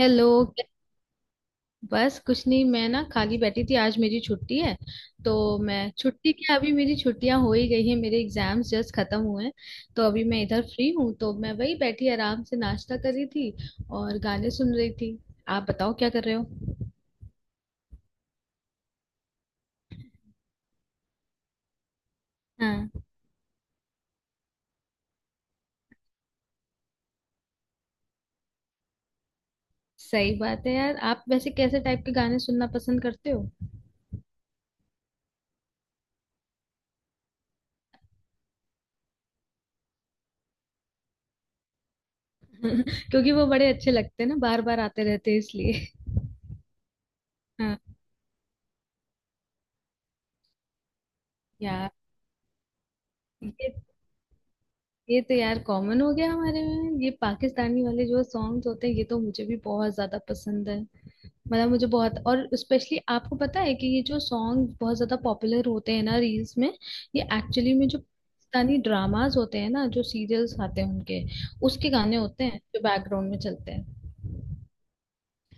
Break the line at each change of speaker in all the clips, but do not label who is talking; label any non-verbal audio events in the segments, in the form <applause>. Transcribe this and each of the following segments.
Hello. बस कुछ नहीं, मैं ना खाली बैठी थी, आज मेरी छुट्टी है तो। मैं छुट्टी क्या, अभी मेरी छुट्टियां हो ही गई है, मेरे एग्जाम्स जस्ट खत्म हुए हैं, तो अभी मैं इधर फ्री हूँ, तो मैं वही बैठी आराम से नाश्ता कर रही थी और गाने सुन रही थी। आप बताओ क्या कर रहे हो? हाँ, सही बात है यार। आप वैसे कैसे टाइप के गाने सुनना पसंद करते हो? <laughs> क्योंकि वो बड़े अच्छे लगते हैं ना, बार बार आते रहते हैं इसलिए। हाँ। <laughs> यार। ये ये तो यार कॉमन हो गया हमारे में। ये पाकिस्तानी वाले जो सॉन्ग्स होते हैं ये तो मुझे भी बहुत ज्यादा पसंद है। मतलब मुझे बहुत, और स्पेशली आपको पता है कि ये जो सॉन्ग बहुत ज्यादा पॉपुलर होते हैं ना रील्स में, ये एक्चुअली में जो पाकिस्तानी ड्रामास होते हैं ना, जो सीरियल्स आते हैं उनके, उसके गाने होते हैं जो बैकग्राउंड में चलते हैं।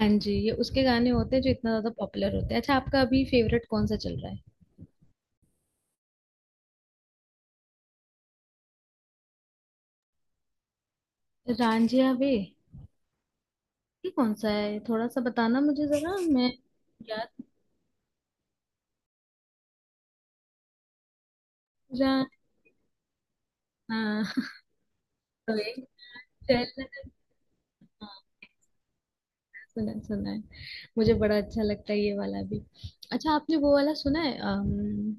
हाँ जी, ये उसके गाने होते हैं जो इतना ज्यादा पॉपुलर होते हैं। अच्छा, आपका अभी फेवरेट कौन सा चल रहा है? रांझिया वे? ये कौन सा है, थोड़ा सा बताना मुझे जरा। मैं याद। जा। हाँ। तो एक। चैल। हाँ, सुना है सुना है। मुझे बड़ा अच्छा लगता है ये वाला भी। अच्छा, आपने वो वाला सुना है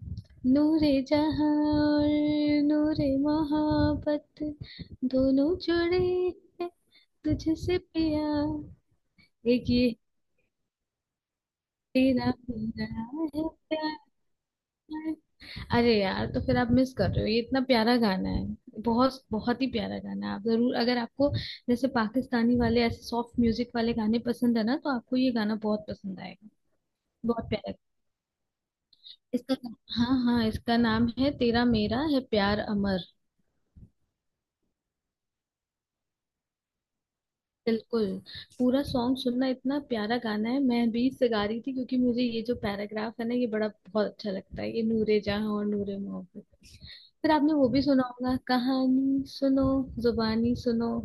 नूरे जहां और नूरे मोहब्बत, दोनों जुड़े हैं, तुझसे पिया? एक ये, तेरा मेरा है प्यार। अरे यार, तो फिर आप मिस कर रहे हो। ये इतना प्यारा गाना है। बहुत बहुत ही प्यारा गाना है। आप जरूर, अगर आपको जैसे पाकिस्तानी वाले ऐसे सॉफ्ट म्यूजिक वाले गाने पसंद है ना, तो आपको ये गाना बहुत पसंद आएगा। बहुत प्यारा है। इसका, हाँ हाँ, इसका नाम है तेरा मेरा है प्यार अमर। बिल्कुल पूरा सॉन्ग सुनना, इतना प्यारा गाना है। मैं बीच से गा रही थी क्योंकि मुझे ये जो पैराग्राफ है ना ये बड़ा बहुत अच्छा लगता है, ये नूरे जहां और नूरे मोहब्बत। फिर आपने वो भी सुना होगा, कहानी सुनो, जुबानी सुनो।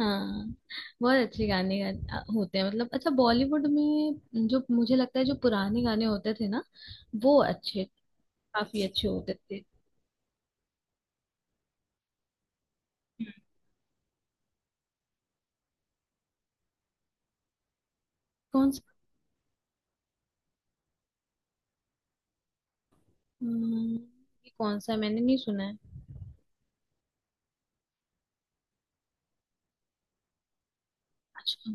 हाँ, बहुत अच्छे गाने होते हैं। मतलब अच्छा, बॉलीवुड में जो मुझे लगता है जो पुराने गाने होते थे ना, वो अच्छे, काफी अच्छे होते थे। कौन सा? हम्म, ये कौन सा, मैंने नहीं सुना है। अच्छा।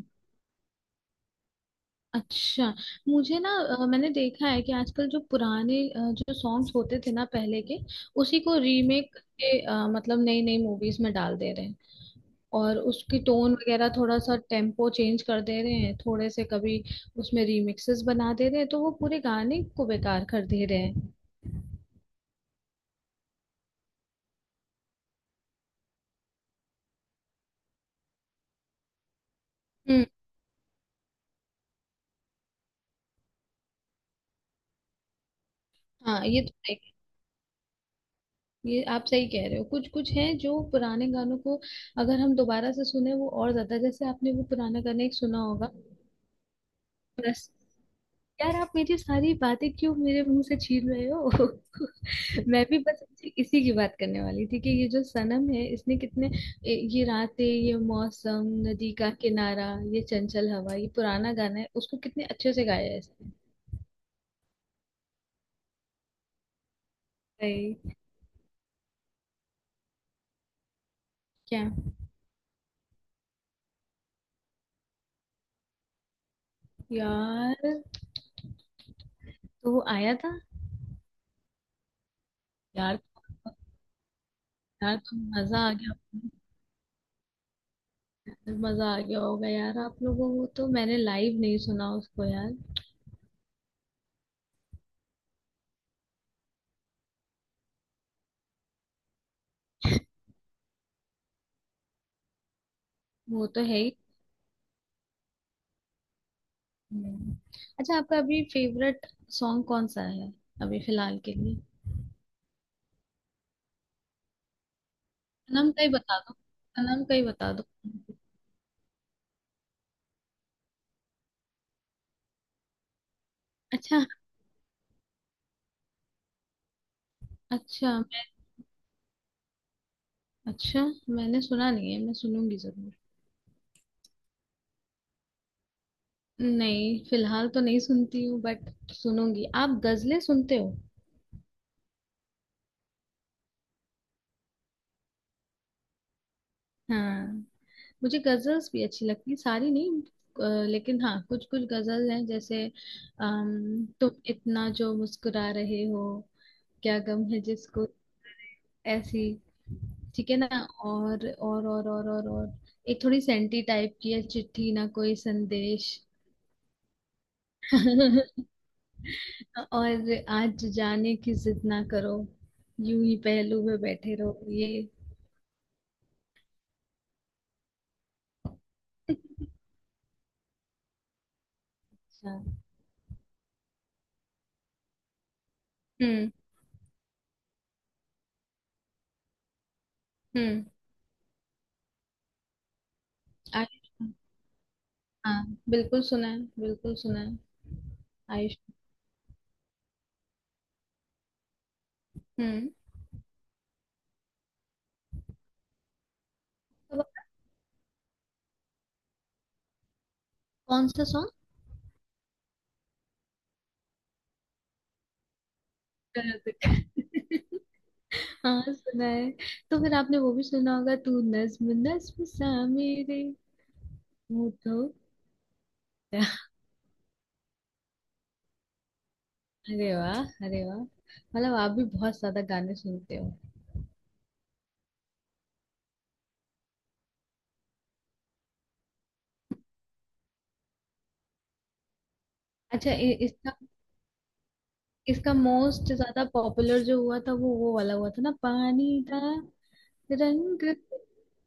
अच्छा, मुझे ना मैंने देखा है कि आजकल जो पुराने जो सॉन्ग्स होते थे ना पहले के, उसी को रीमेक के मतलब नई नई मूवीज में डाल दे रहे हैं। और उसकी टोन वगैरह थोड़ा सा टेम्पो चेंज कर दे रहे हैं, थोड़े से कभी उसमें रीमिक्सेस बना दे रहे हैं, तो वो पूरे गाने को बेकार कर दे रहे हैं। हम्म। हाँ ये तो है। ये आप सही कह रहे हो, कुछ कुछ है जो पुराने गानों को, अगर हम दोबारा से सुने वो और ज्यादा, जैसे आपने वो पुराना गाना एक सुना होगा। बस, यार आप मेरी सारी बातें क्यों मेरे मुंह से छीन रहे हो? <laughs> मैं भी बस इसी इसी की बात करने वाली थी कि ये जो सनम है, इसने कितने, ये रातें, ये मौसम, नदी का किनारा, ये चंचल हवा, ये पुराना गाना है, उसको कितने अच्छे से गाया है इसने। भाई, क्या? यार, तो वो आया था? यार तो, यार तो मजा आ गया। मजा आ गया होगा यार आप लोगों को, तो मैंने लाइव नहीं सुना उसको यार। वो तो है ही। हम्म। अच्छा, आपका अभी फेवरेट सॉन्ग कौन सा है, अभी फिलहाल के लिए? सनम का ही बता दो, सनम का ही बता दो। अच्छा, अच्छा मैं, अच्छा, मैंने सुना नहीं है, मैं सुनूंगी जरूर। नहीं, फिलहाल तो नहीं सुनती हूँ, बट सुनूंगी। आप गजलें सुनते हो? हाँ, मुझे गजल्स भी अच्छी लगती है, सारी नहीं, लेकिन हाँ कुछ कुछ गजल हैं जैसे, तुम इतना जो मुस्कुरा रहे हो, क्या गम है जिसको, ऐसी। ठीक है ना? और एक थोड़ी सेंटी टाइप की है, चिट्ठी ना कोई संदेश। <laughs> और आज जाने की जिद ना करो, यूं ही पहलू में बैठे रहो, ये। अच्छा। हम्म। हम्म। आयुष, हाँ बिल्कुल सुना है, बिल्कुल सुना है। आयुष। हम्म। तो कौन सा सॉन्ग? <laughs> हाँ सुना है। तो फिर आपने वो भी सुना होगा, तू नज्म नज्म सा मेरे होठों। अरे वाह, अरे वाह! मतलब आप भी बहुत ज्यादा गाने सुनते हो। अच्छा इसका, इसका मोस्ट ज्यादा पॉपुलर जो हुआ था, वो वाला हुआ था ना, पानी का रंग।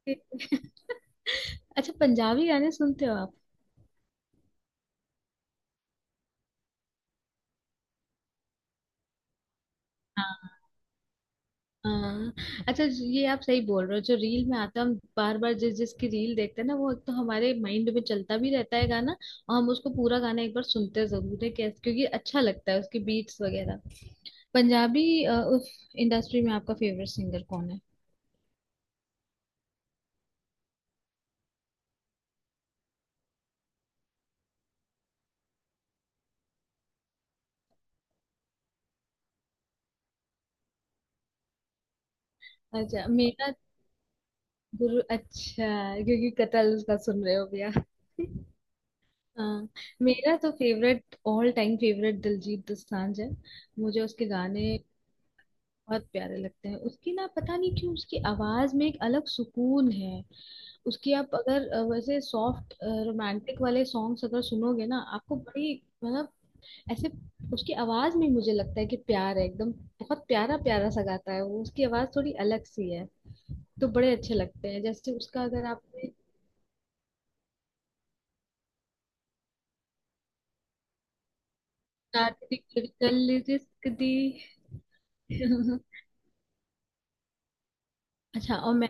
<laughs> अच्छा, पंजाबी गाने सुनते हो आप? हाँ। हाँ। अच्छा, ये आप सही बोल रहे हो, जो रील में आता है, हम बार बार जिस जिसकी रील देखते हैं ना, वो एक तो हमारे माइंड में चलता भी रहता है गाना। और हम उसको पूरा गाना एक बार सुनते जरूर है कैसे, क्योंकि अच्छा लगता है उसकी बीट्स वगैरह। पंजाबी उस इंडस्ट्री में आपका फेवरेट सिंगर कौन है? अच्छा मेरा, गुरु, अच्छा, क्योंकि कतल का सुन रहे हो भैया। <laughs> हाँ। मेरा तो favourite, all time favourite Diljit Dosanjh है। मुझे उसके गाने बहुत प्यारे लगते हैं। उसकी ना पता नहीं क्यों उसकी आवाज में एक अलग सुकून है। उसकी आप अगर वैसे सॉफ्ट रोमांटिक वाले सॉन्ग्स अगर सुनोगे ना, आपको बड़ी, मतलब ऐसे, उसकी आवाज में मुझे लगता है कि प्यार है एकदम। बहुत प्यारा प्यारा सा गाता है वो, उसकी आवाज थोड़ी अलग सी है, तो बड़े अच्छे लगते हैं। जैसे उसका अगर आपने, कल, रिस्क दी। <laughs> अच्छा और मैं,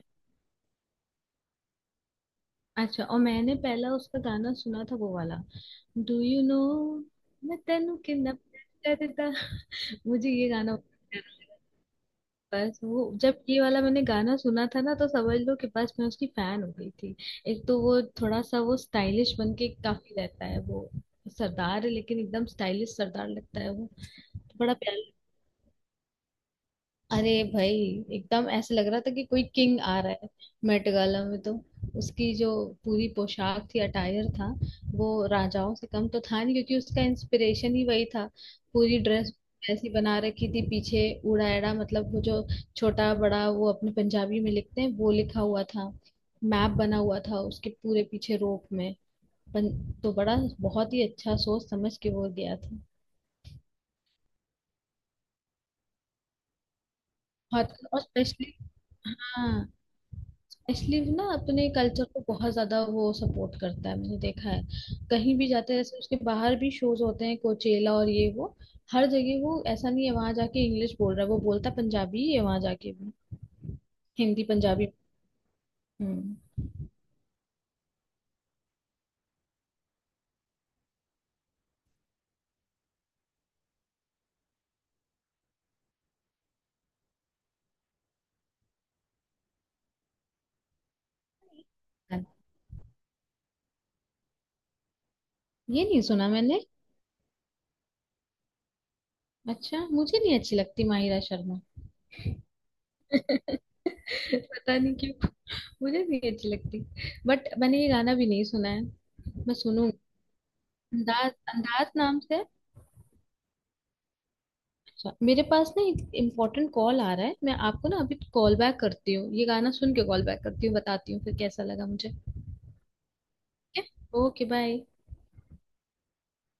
अच्छा और मैंने पहला उसका गाना सुना था वो वाला, डू यू नो, मैं तेनू किडनैप करता। <laughs> मुझे ये गाना, बस वो जब ये वाला मैंने गाना सुना था ना तो समझ लो कि बस मैं उसकी फैन हो गई थी। एक तो वो थोड़ा सा वो स्टाइलिश बन के काफी रहता है वो, सरदार है लेकिन एकदम स्टाइलिश सरदार लगता है वो। तो बड़ा प्यारा, अरे भाई, एकदम ऐसे लग रहा था कि कोई किंग आ रहा है मेट गाला में तो। उसकी जो पूरी पोशाक थी, अटायर था, वो राजाओं से कम तो था नहीं, क्योंकि उसका इंस्पिरेशन ही वही था। पूरी ड्रेस ऐसी बना रखी थी पीछे। ऊड़ा एड़ा मतलब, वो जो छोटा बड़ा वो अपने पंजाबी में लिखते हैं, वो लिखा हुआ था। मैप बना हुआ था उसके पूरे पीछे रोप में। पन, तो बड़ा, बहुत ही अच्छा सोच समझ के वो गया था। बहुत, और स्पेशली, हाँ, स्लीव ना अपने कल्चर को बहुत ज्यादा वो सपोर्ट करता है, मैंने देखा है। कहीं भी जाते हैं, जैसे उसके बाहर भी शोज होते हैं कोचेला और ये वो, हर जगह वो ऐसा नहीं है वहां जाके इंग्लिश बोल रहा है, वो बोलता है पंजाबी ही है वहां जाके भी। हिंदी पंजाबी। हम्म। ये नहीं सुना मैंने। अच्छा, मुझे नहीं अच्छी लगती माहिरा शर्मा। <laughs> पता नहीं क्यों, मुझे नहीं अच्छी लगती। बट मैंने ये गाना भी नहीं सुना है। मैं सुनूंगी। अंदाज, अंदाज नाम से। अच्छा, मेरे पास ना एक इम्पोर्टेंट कॉल आ रहा है, मैं आपको ना अभी कॉल बैक करती हूँ। ये गाना सुन के कॉल बैक करती हूँ, बताती हूँ फिर कैसा लगा मुझे। ठीक है, ओके बाय।